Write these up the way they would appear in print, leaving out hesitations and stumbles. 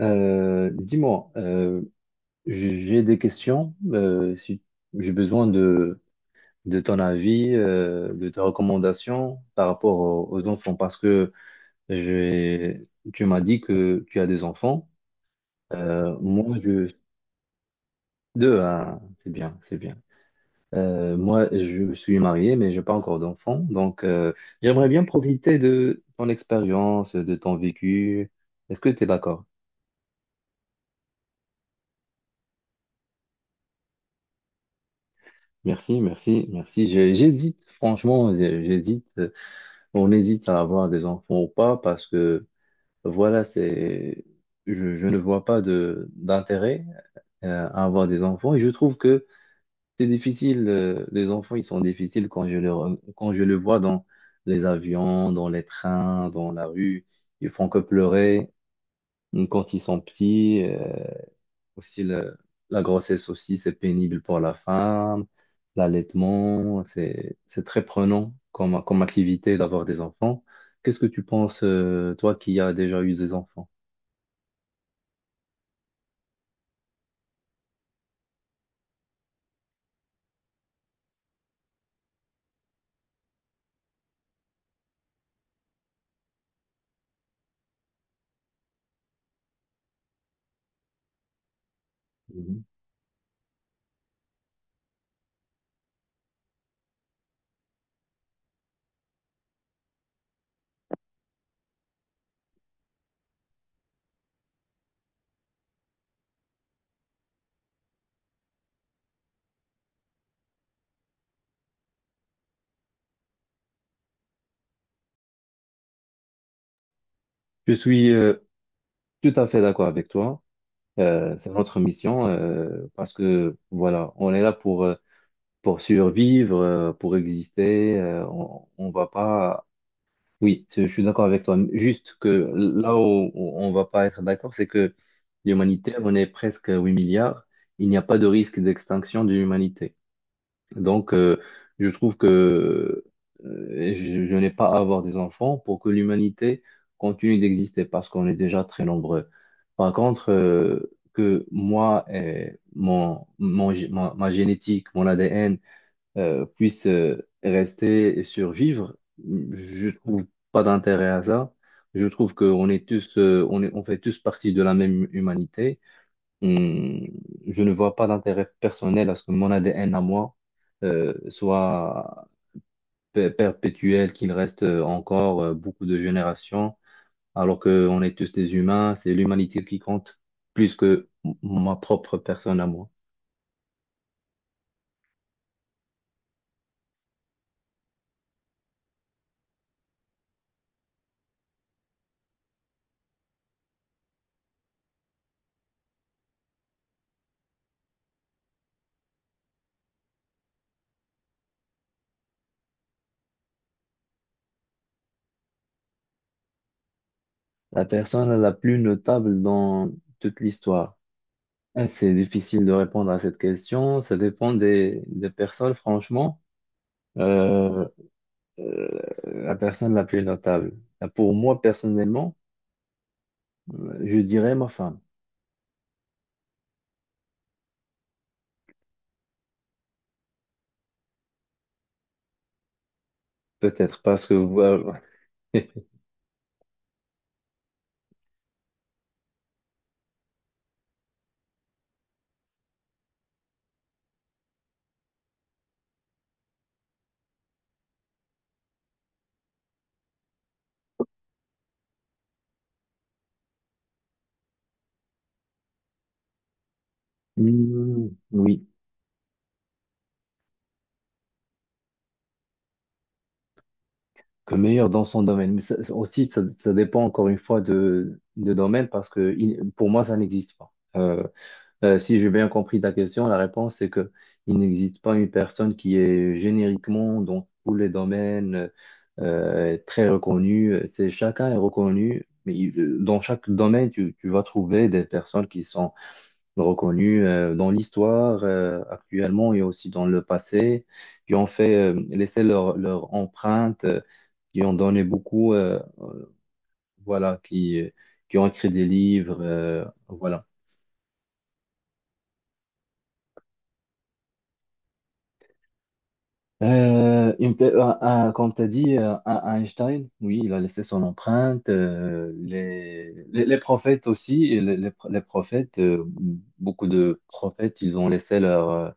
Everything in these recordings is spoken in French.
Euh, dis-moi, euh, j'ai des questions. Si j'ai besoin de ton avis, de tes recommandations par rapport aux enfants, parce que j'ai- tu m'as dit que tu as des enfants. Moi, je deux, hein, c'est bien, c'est bien. Moi, je suis marié, mais je n'ai pas encore d'enfants, donc j'aimerais bien profiter de ton expérience, de ton vécu. Est-ce que tu es d'accord? Merci, merci, merci. J'hésite, franchement, j'hésite. On hésite à avoir des enfants ou pas parce que voilà, c'est, je ne vois pas de d'intérêt à avoir des enfants. Et je trouve que c'est difficile, les enfants, ils sont difficiles quand quand je le vois dans les avions, dans les trains, dans la rue. Ils font que pleurer quand ils sont petits. Aussi, la grossesse aussi, c'est pénible pour la femme. L'allaitement, c'est très prenant comme activité d'avoir des enfants. Qu'est-ce que tu penses, toi qui as déjà eu des enfants? Mhm. Je suis tout à fait d'accord avec toi. C'est notre mission parce que voilà, on est là pour survivre, pour exister. On va pas. Oui, c'est- je suis d'accord avec toi. Juste que là où on va pas être d'accord, c'est que l'humanité, on est presque à 8 milliards. Il n'y a pas de risque d'extinction de l'humanité. Donc, je trouve que je n'ai pas à avoir des enfants pour que l'humanité continue d'exister parce qu'on est déjà très nombreux. Par contre, que moi et mon ma génétique, mon ADN, puissent rester et survivre, je trouve pas d'intérêt à ça. Je trouve qu'on est tous, on est- on fait tous partie de la même humanité. Hum, je ne vois pas d'intérêt personnel à ce que mon ADN à moi soit perpétuel, qu'il reste encore beaucoup de générations, alors qu'on est tous des humains. C'est l'humanité qui compte plus que ma propre personne à moi. La personne la plus notable dans toute l'histoire. Ah, c'est difficile de répondre à cette question. Ça dépend des personnes, franchement. Euh, euh, la personne la plus notable. Ah, pour moi, personnellement, je dirais ma femme. Peut-être parce que hmm, oui, que meilleur dans son domaine. Mais ça aussi, ça dépend encore une fois de domaine parce que il- pour moi, ça n'existe pas. Euh, si j'ai bien compris ta question, la réponse c'est que il n'existe pas une personne qui est génériquement dans tous les domaines très reconnue. C'est chacun est reconnu, mais il- dans chaque domaine tu, tu vas trouver des personnes qui sont reconnues dans l'histoire actuellement et aussi dans le passé, qui ont fait laissé leur empreinte, qui ont donné beaucoup, voilà, qui ont écrit des livres, voilà. Euh, une pe- euh, Comme tu as dit, Einstein, oui, il a laissé son empreinte. Les, les prophètes aussi, et les prophètes, beaucoup de prophètes, ils ont laissé leur,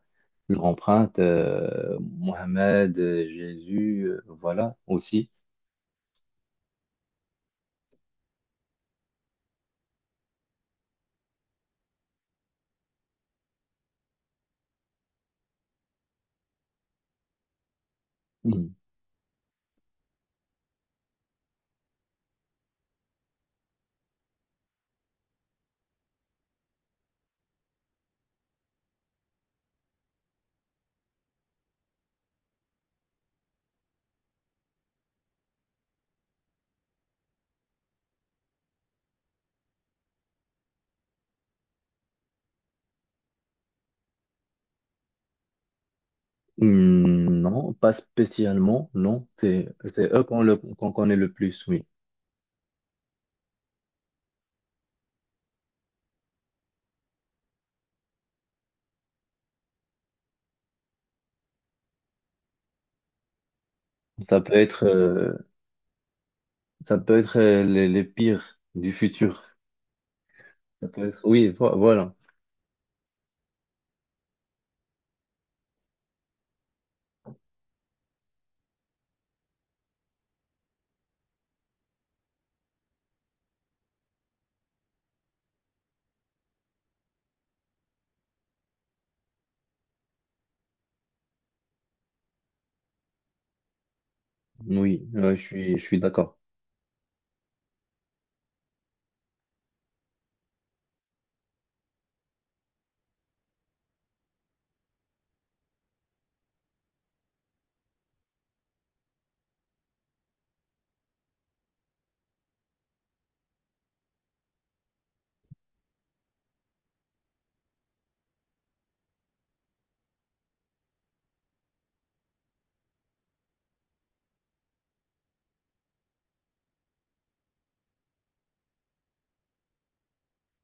leur empreinte. Euh, Mohamed, Jésus, voilà, aussi. Hmm. Hmm, non, pas spécialement, non. C'est eux qu'on connaît le plus, oui. Ça peut être, euh, ça peut être les pires du futur. Ça peut être- oui, vo- voilà. Oui, je suis d'accord.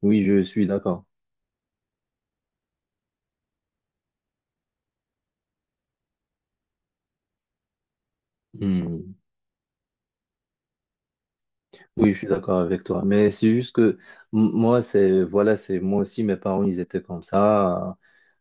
Oui, je suis d'accord. Hmm. Oui, je suis d'accord avec toi. Mais c'est juste que moi, c'est voilà, c'est moi aussi, mes parents, ils étaient comme ça. Euh,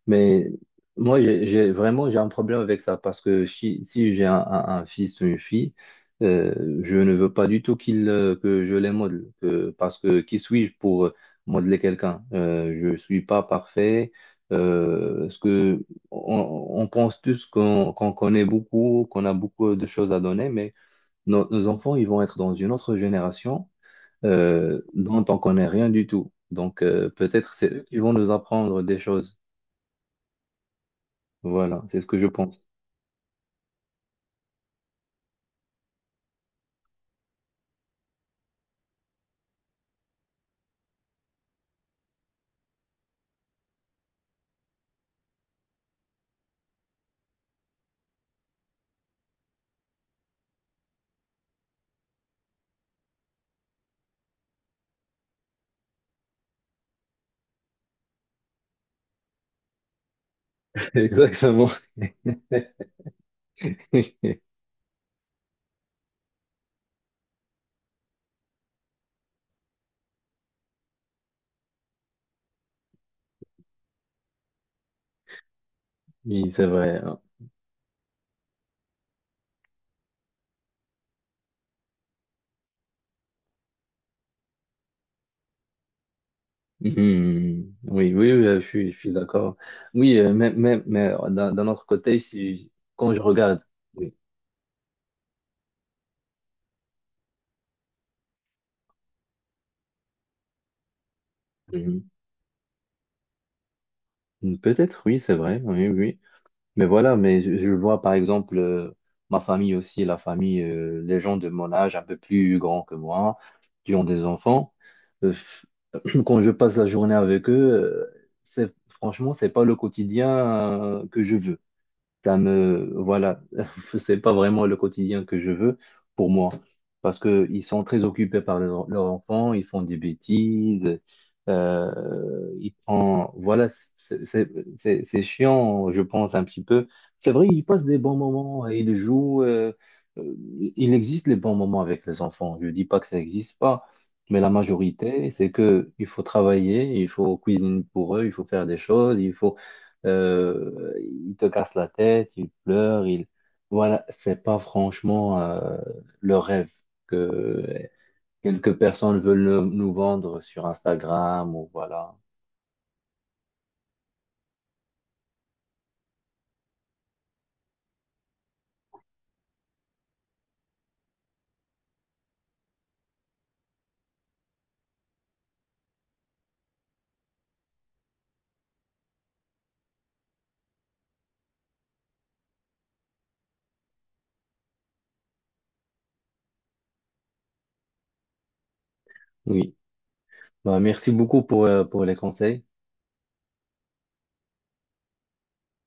mais moi, vraiment j'ai un problème avec ça parce que si, si j'ai un fils ou une fille, je ne veux pas du tout qu'il que je les modèle. Que- parce que qui suis-je pour modeler quelqu'un? Je suis pas parfait. Ce que on pense tous qu'on connaît beaucoup, qu'on a beaucoup de choses à donner, mais nos enfants, ils vont être dans une autre génération dont on connaît rien du tout. Donc, peut-être c'est eux qui vont nous apprendre des choses. Voilà, c'est ce que je pense. Exactement. Oui, c'est vrai, hein. Mhm. Oui, oui, oui, je suis d'accord. Oui, mais d'un autre côté, si, quand je regarde, oui. Mhm. Peut-être, oui, c'est vrai. Oui, oui. Mais voilà, mais je vois par exemple ma famille aussi, la famille, les gens de mon âge, un peu plus grands que moi, qui ont des enfants. Euh, f- quand je passe la journée avec eux, c'est, franchement, c'est pas le quotidien que je veux ça me, voilà, c'est pas vraiment le quotidien que je veux pour moi, parce que ils sont très occupés par leurs enfants, ils font des bêtises, ils prennent, voilà, c'est chiant, je pense un petit peu. C'est vrai, ils passent des bons moments et ils jouent. Euh, euh, il existe les bons moments avec les enfants. Je dis pas que ça n'existe pas, mais la majorité, c'est que il faut travailler, il faut cuisiner pour eux, il faut faire des choses, il faut euh, il te casse la tête, il pleure, il. Voilà, c'est pas franchement le rêve que quelques personnes veulent nous vendre sur Instagram ou voilà. Oui. Bah, merci beaucoup pour les conseils.